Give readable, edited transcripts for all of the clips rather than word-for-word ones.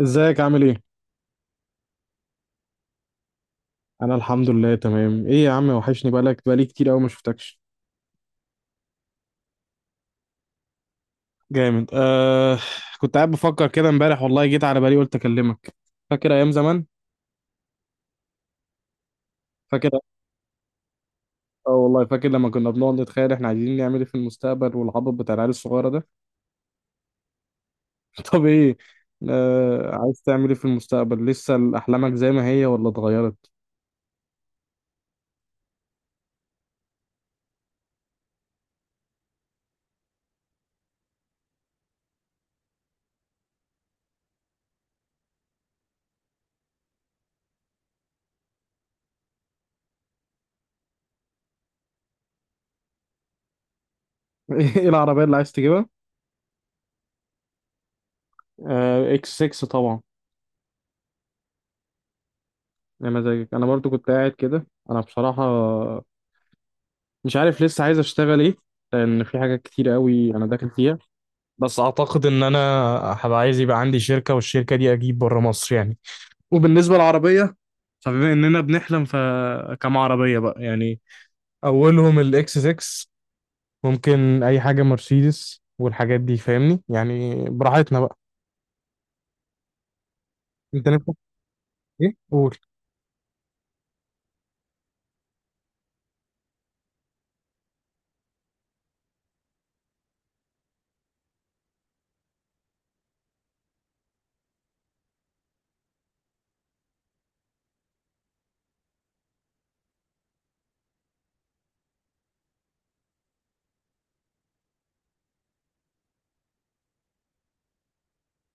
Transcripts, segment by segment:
ازيك عامل ايه؟ انا الحمد لله تمام. ايه يا عم، وحشني بقالك بقالي كتير قوي ما شفتكش. جامد آه. كنت قاعد بفكر كده امبارح والله جيت على بالي قلت اكلمك. فاكر ايام زمان. فاكر. اه والله فاكر لما كنا بنقعد نتخيل احنا عايزين نعمل ايه في المستقبل، والعبط بتاع العيال الصغيره ده. طب ايه. عايز تعمل ايه في المستقبل، لسه احلامك زي ما هي ولا اتغيرت؟ ايه العربيه اللي عايز تجيبها؟ اكس 6 طبعا. يا مزاجك. انا برضو كنت قاعد كده انا بصراحه. مش عارف لسه عايز اشتغل ايه، لان في حاجات كتير قوي انا داخل فيها. بس اعتقد ان انا هبقى عايز يبقى عندي شركة، والشركة دي اجيب بره مصر يعني. وبالنسبة للعربية، فبما اننا بنحلم فكم عربية بقى يعني. اولهم الاكس 6. ممكن اي حاجة مرسيدس والحاجات دي، فاهمني، يعني براحتنا بقى. انت نفسك. ايه قول.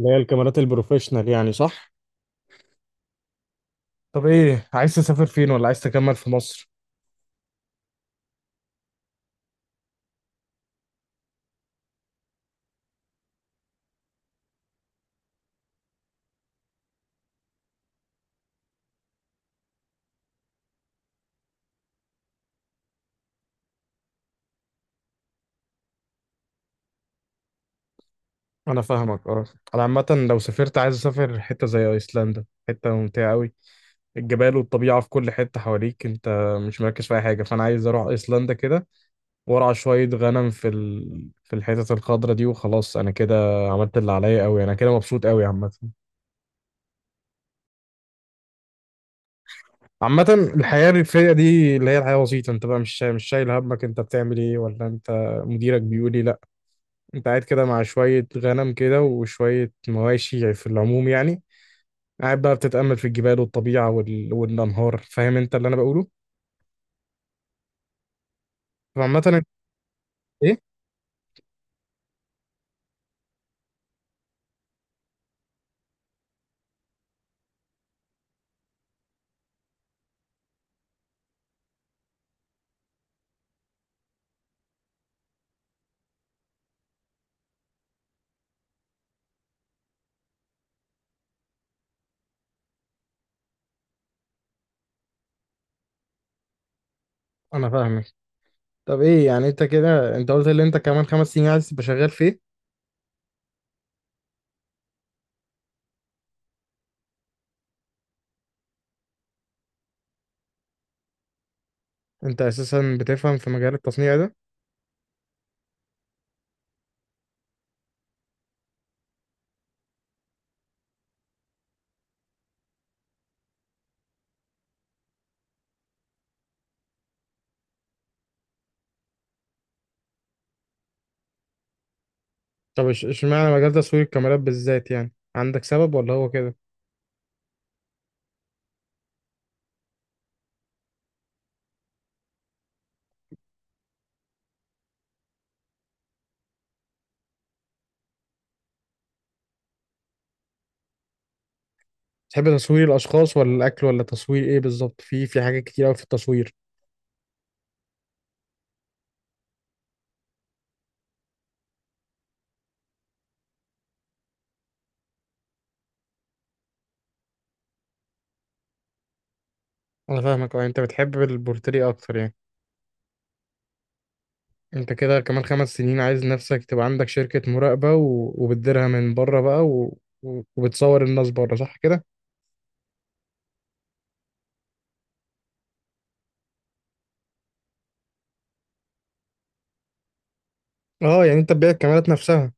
اللي هي الكاميرات البروفيشنال يعني، صح؟ طب ايه، عايز تسافر فين ولا عايز تكمل في مصر؟ انا فاهمك اه. انا عامه لو سافرت عايز اسافر حته زي ايسلندا، حته ممتعه قوي. الجبال والطبيعه في كل حته حواليك انت، مش مركز في اي حاجه، فانا عايز اروح ايسلندا كده وارعى شويه غنم في الحتت الخضراء دي، وخلاص انا كده عملت اللي عليا قوي. انا كده مبسوط قوي عامه. عامه الحياه الريفيه دي اللي هي الحياه بسيطه، انت بقى مش شايل همك انت بتعمل ايه ولا انت مديرك بيقول ايه، لا انت قاعد كده مع شويه غنم كده وشويه مواشي في العموم يعني. قاعد بقى بتتأمل في الجبال والطبيعة والأنهار، فاهم انت اللي انا بقوله. فعامة ايه. انا فاهمك. طب ايه يعني، انت كده انت قلت اللي انت كمان 5 سنين عايز تبقى شغال فيه. انت اساسا بتفهم في مجال التصنيع ده؟ طب اشمعنى مجال تصوير الكاميرات بالذات، يعني عندك سبب ولا هو كده؟ تحب تصوير الاشخاص ولا الاكل ولا تصوير ايه بالظبط، في في حاجات كتير قوي في التصوير. انا فاهمك اه، انت بتحب البورتري اكتر يعني. انت كده كمان 5 سنين عايز نفسك تبقى عندك شركة مراقبة وبتديرها من بره بقى وبتصور الناس بره، صح كده؟ اه يعني انت تبيع الكاميرات نفسها.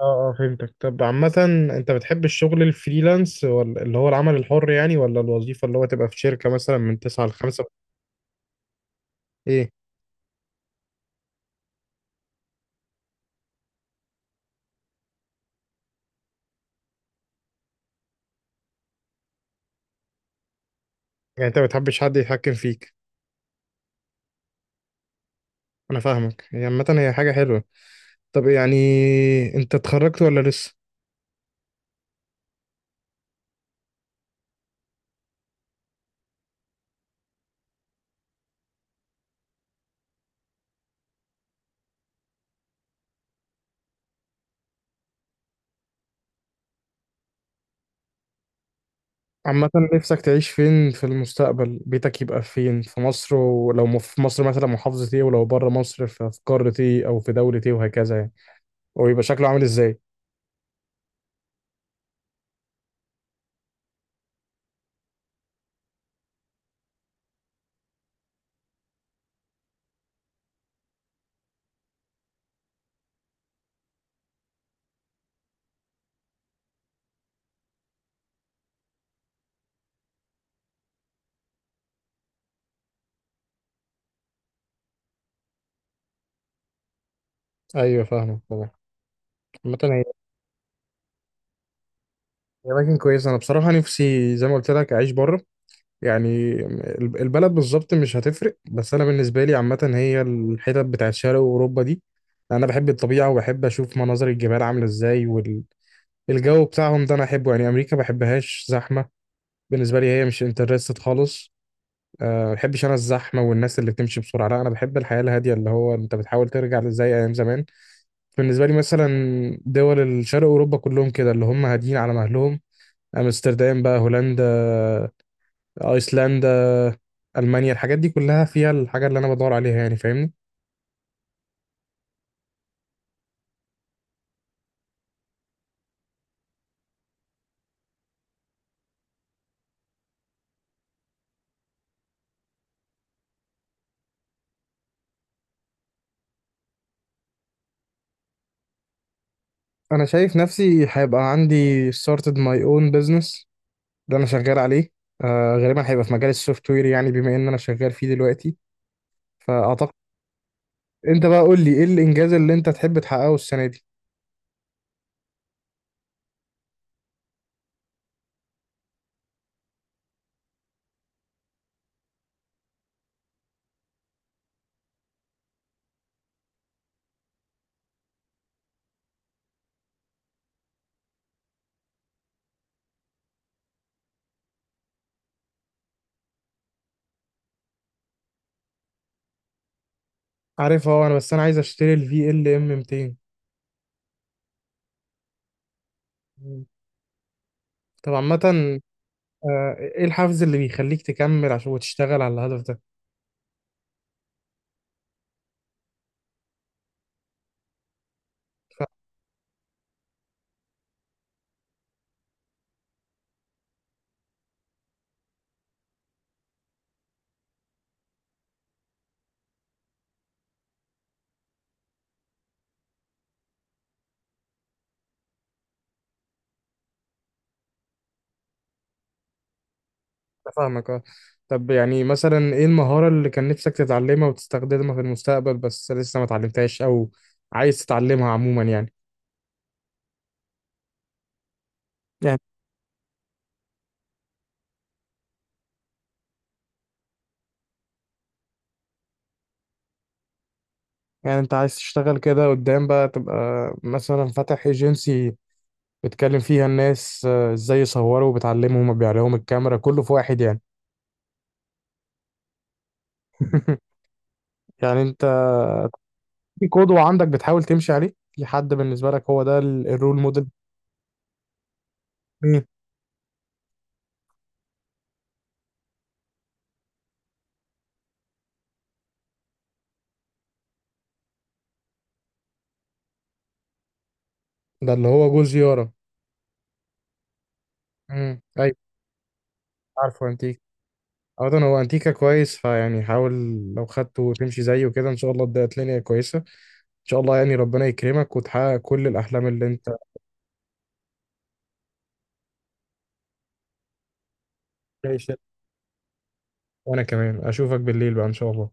اه اه فهمتك. طب عامة، انت بتحب الشغل الفريلانس ولا اللي هو العمل الحر يعني، ولا الوظيفة اللي هو تبقى في شركة مثلا من تسعة لخمسة؟ ايه؟ يعني انت ما بتحبش حد يتحكم فيك. انا فاهمك، هي عامة هي حاجة حلوة. طب يعني، انت اتخرجت ولا لسه؟ عامة نفسك تعيش فين في المستقبل، بيتك يبقى فين، في مصر ولو في مصر مثلا محافظة ايه، ولو بره مصر في قارة ايه او في دولة ايه وهكذا يعني، ويبقى شكله عامل ازاي؟ ايوه فاهمك طبعا. عامة هي أماكن كويسة. أنا بصراحة نفسي زي ما قلت لك أعيش بره. يعني البلد بالظبط مش هتفرق، بس أنا بالنسبة لي عامة هي الحتت بتاعت شرق أوروبا دي. أنا بحب الطبيعة وبحب أشوف مناظر الجبال عاملة إزاي، والجو بتاعهم ده أنا أحبه. يعني أمريكا بحبهاش، زحمة. بالنسبه لي هي مش انترستد خالص. أه ما بحبش انا الزحمه والناس اللي بتمشي بسرعه، لا انا بحب الحياه الهاديه اللي هو انت بتحاول ترجع زي ايام زمان. بالنسبه لي مثلا دول الشرق اوروبا كلهم كده اللي هم هاديين على مهلهم. امستردام بقى، هولندا، ايسلندا، المانيا، الحاجات دي كلها فيها الحاجه اللي انا بدور عليها يعني، فاهمني. انا شايف نفسي هيبقى عندي started my own business اللي انا شغال عليه. آه غالبا هيبقى في مجال السوفت وير يعني، بما ان انا شغال فيه دلوقتي، فاعتقد. انت بقى قول لي، ايه الانجاز اللي انت تحب تحققه السنه دي؟ عارفها. هو انا بس انا عايز اشتري الفي ال ام 200. طب عامه. ايه الحافز اللي بيخليك تكمل عشان وتشتغل على الهدف ده؟ فا- أنا فاهمك اه. طب يعني مثلا، ايه المهاره اللي كان نفسك تتعلمها وتستخدمها في المستقبل بس لسه ما اتعلمتهاش، او عايز تتعلمها عموما يعني يعني انت عايز تشتغل كده قدام بقى تبقى مثلا فاتح ايجنسي بتكلم فيها الناس ازاي يصوروا وبتعلمهم وبيع لهم الكاميرا كله في واحد يعني. يعني انت في قدوة عندك بتحاول تمشي عليه، في حد بالنسبة لك هو ده الرول موديل؟ مين؟ ده اللي هو جوز يارا. ايوه. عارفه انتيكا. عامة هو انتيكا كويس، فيعني حاول لو خدته وتمشي زيه كده ان شاء الله تبقى الدنيا كويسة. ان شاء الله يعني ربنا يكرمك وتحقق كل الاحلام اللي انت عايشها. وانا كمان اشوفك بالليل بقى ان شاء الله.